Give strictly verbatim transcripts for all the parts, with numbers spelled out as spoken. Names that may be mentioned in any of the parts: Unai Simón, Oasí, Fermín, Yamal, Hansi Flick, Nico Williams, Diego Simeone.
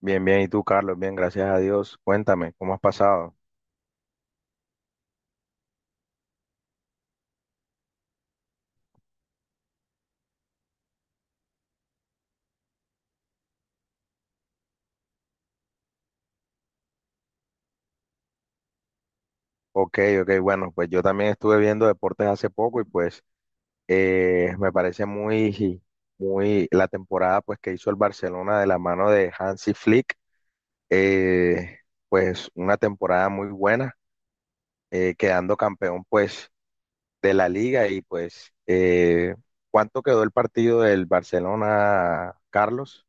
Bien, bien. ¿Y tú, Carlos? Bien, gracias a Dios. Cuéntame, ¿cómo has pasado? Ok, ok. Bueno, pues yo también estuve viendo deportes hace poco y pues eh, me parece muy, muy la temporada pues que hizo el Barcelona de la mano de Hansi Flick, eh, pues una temporada muy buena, eh, quedando campeón pues de la liga y pues eh, ¿cuánto quedó el partido del Barcelona, Carlos?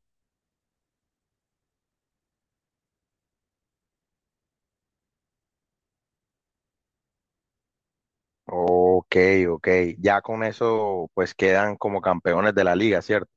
Ok, ok. Ya con eso pues quedan como campeones de la liga, ¿cierto?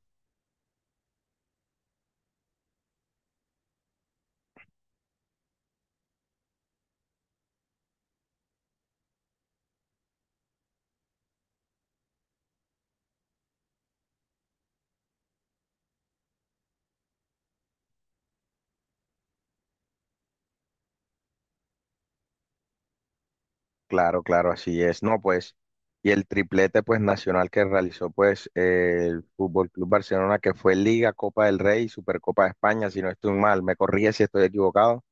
Claro, claro, así es. No, pues, y el triplete pues nacional que realizó pues eh, el Fútbol Club Barcelona, que fue Liga, Copa del Rey y Supercopa de España, si no estoy mal, me corrige si estoy equivocado.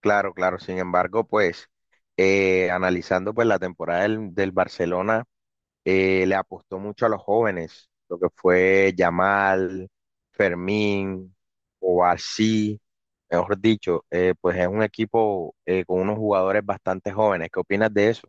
Claro, claro, sin embargo, pues eh, analizando pues la temporada del, del Barcelona, eh, le apostó mucho a los jóvenes, lo que fue Yamal, Fermín, Oasí, mejor dicho, eh, pues es un equipo eh, con unos jugadores bastante jóvenes. ¿Qué opinas de eso?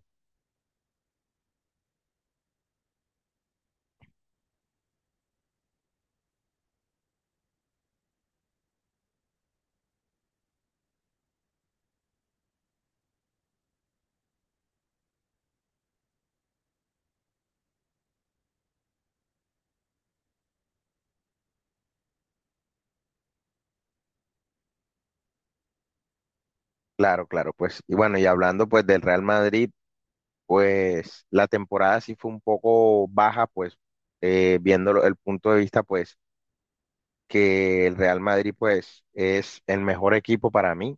Claro, claro, pues, y bueno, y hablando pues del Real Madrid, pues la temporada sí fue un poco baja, pues, eh, viéndolo el punto de vista, pues, que el Real Madrid, pues, es el mejor equipo para mí,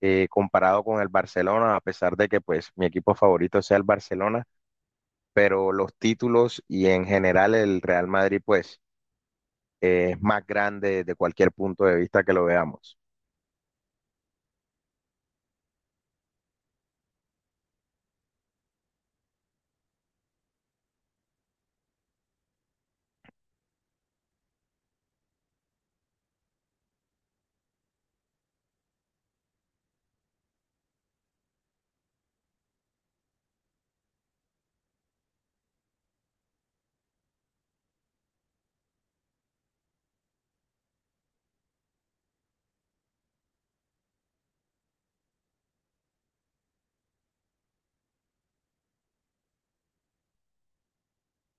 eh, comparado con el Barcelona, a pesar de que, pues, mi equipo favorito sea el Barcelona, pero los títulos y en general el Real Madrid, pues, eh, es más grande desde cualquier punto de vista que lo veamos.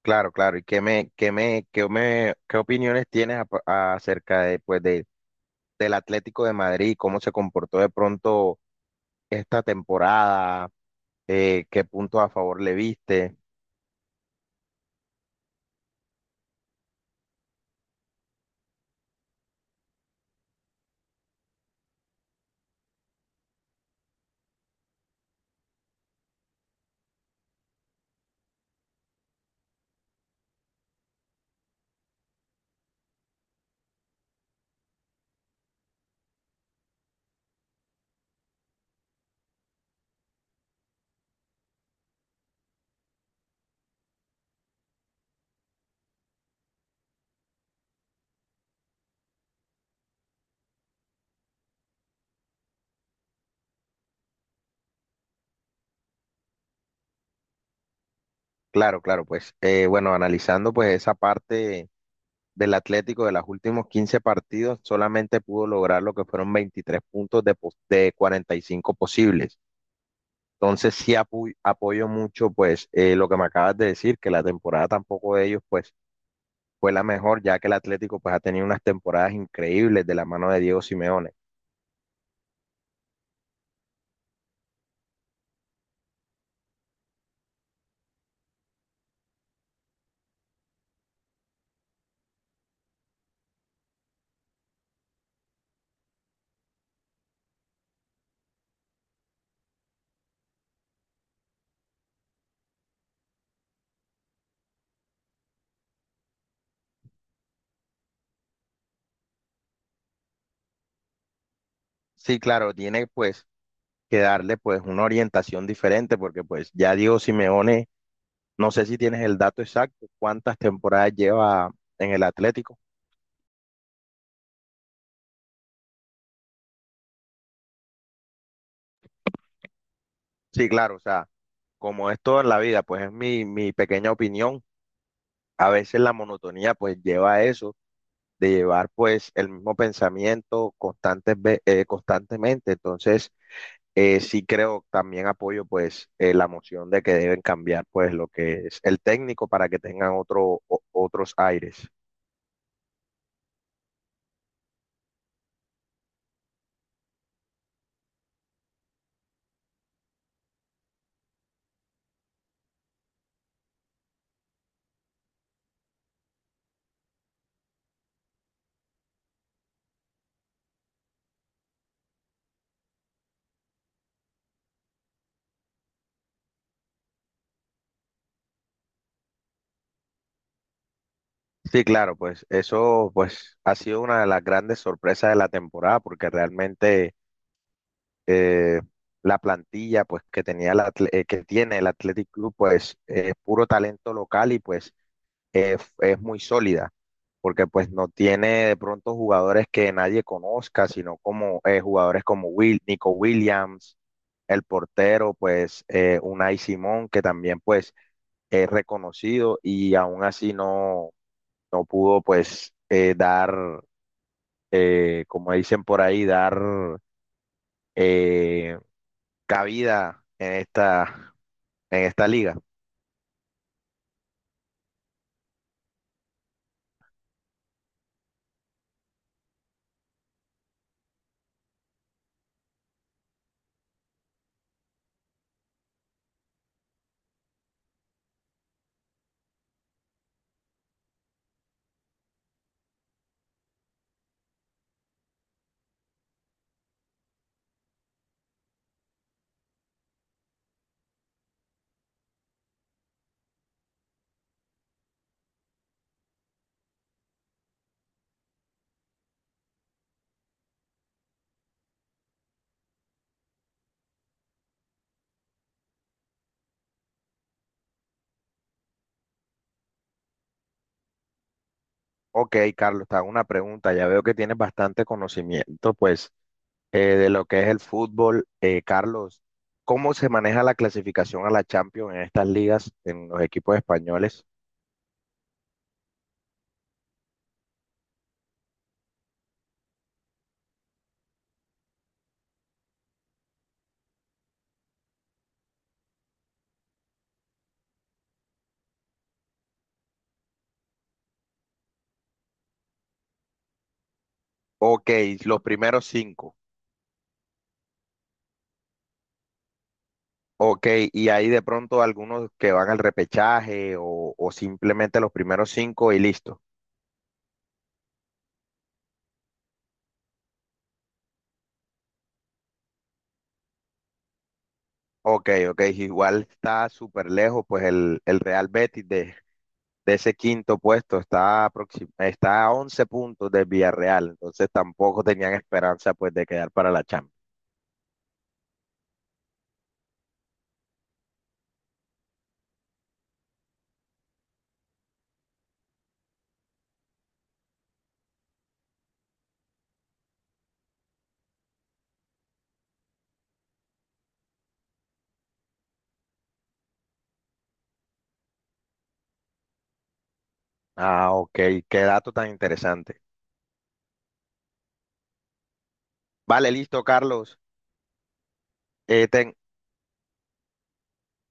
Claro, claro. ¿Y qué me, qué me, qué me, qué opiniones tienes apa- acerca de, pues, de del Atlético de Madrid, cómo se comportó de pronto esta temporada, eh, qué puntos a favor le viste? Claro, claro, pues eh, bueno, analizando pues esa parte del Atlético de los últimos quince partidos, solamente pudo lograr lo que fueron veintitrés puntos de, pos- de cuarenta y cinco posibles. Entonces sí apu- apoyo mucho pues eh, lo que me acabas de decir, que la temporada tampoco de ellos pues fue la mejor, ya que el Atlético pues ha tenido unas temporadas increíbles de la mano de Diego Simeone. Sí, claro, tiene pues que darle pues una orientación diferente, porque pues ya Diego Simeone, no sé si tienes el dato exacto, cuántas temporadas lleva en el Atlético. Sí, claro, o sea, como es todo en la vida, pues es mi, mi pequeña opinión. A veces la monotonía pues lleva a eso, de llevar pues el mismo pensamiento constantes ve- eh, constantemente. Entonces, eh, sí creo, también apoyo pues eh, la moción de que deben cambiar pues lo que es el técnico para que tengan otro, o- otros aires. Sí, claro, pues eso pues ha sido una de las grandes sorpresas de la temporada porque realmente eh, la plantilla pues que tenía el atle- eh, que tiene el Athletic Club pues eh, es puro talento local y pues es es muy sólida porque pues no tiene de pronto jugadores que nadie conozca, sino como eh, jugadores como Will, Nico Williams, el portero pues eh, Unai Simón que también pues es reconocido y aún así no no pudo pues eh, dar, eh, como dicen por ahí, dar eh, cabida en esta, en esta liga. Ok, Carlos, te hago una pregunta. Ya veo que tienes bastante conocimiento pues eh, de lo que es el fútbol. Eh, Carlos, ¿cómo se maneja la clasificación a la Champions en estas ligas, en los equipos españoles? Ok, los primeros cinco. Ok, y hay de pronto algunos que van al repechaje o, o simplemente los primeros cinco y listo. Ok, ok, igual está súper lejos, pues el, el Real Betis de, de ese quinto puesto está, aproxim- está a once puntos de Villarreal, entonces tampoco tenían esperanza pues de quedar para la Champions. Ah, ok, qué dato tan interesante. Vale, listo, Carlos. Eh, ten-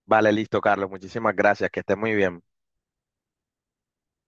Vale, listo, Carlos, muchísimas gracias, que estés muy bien.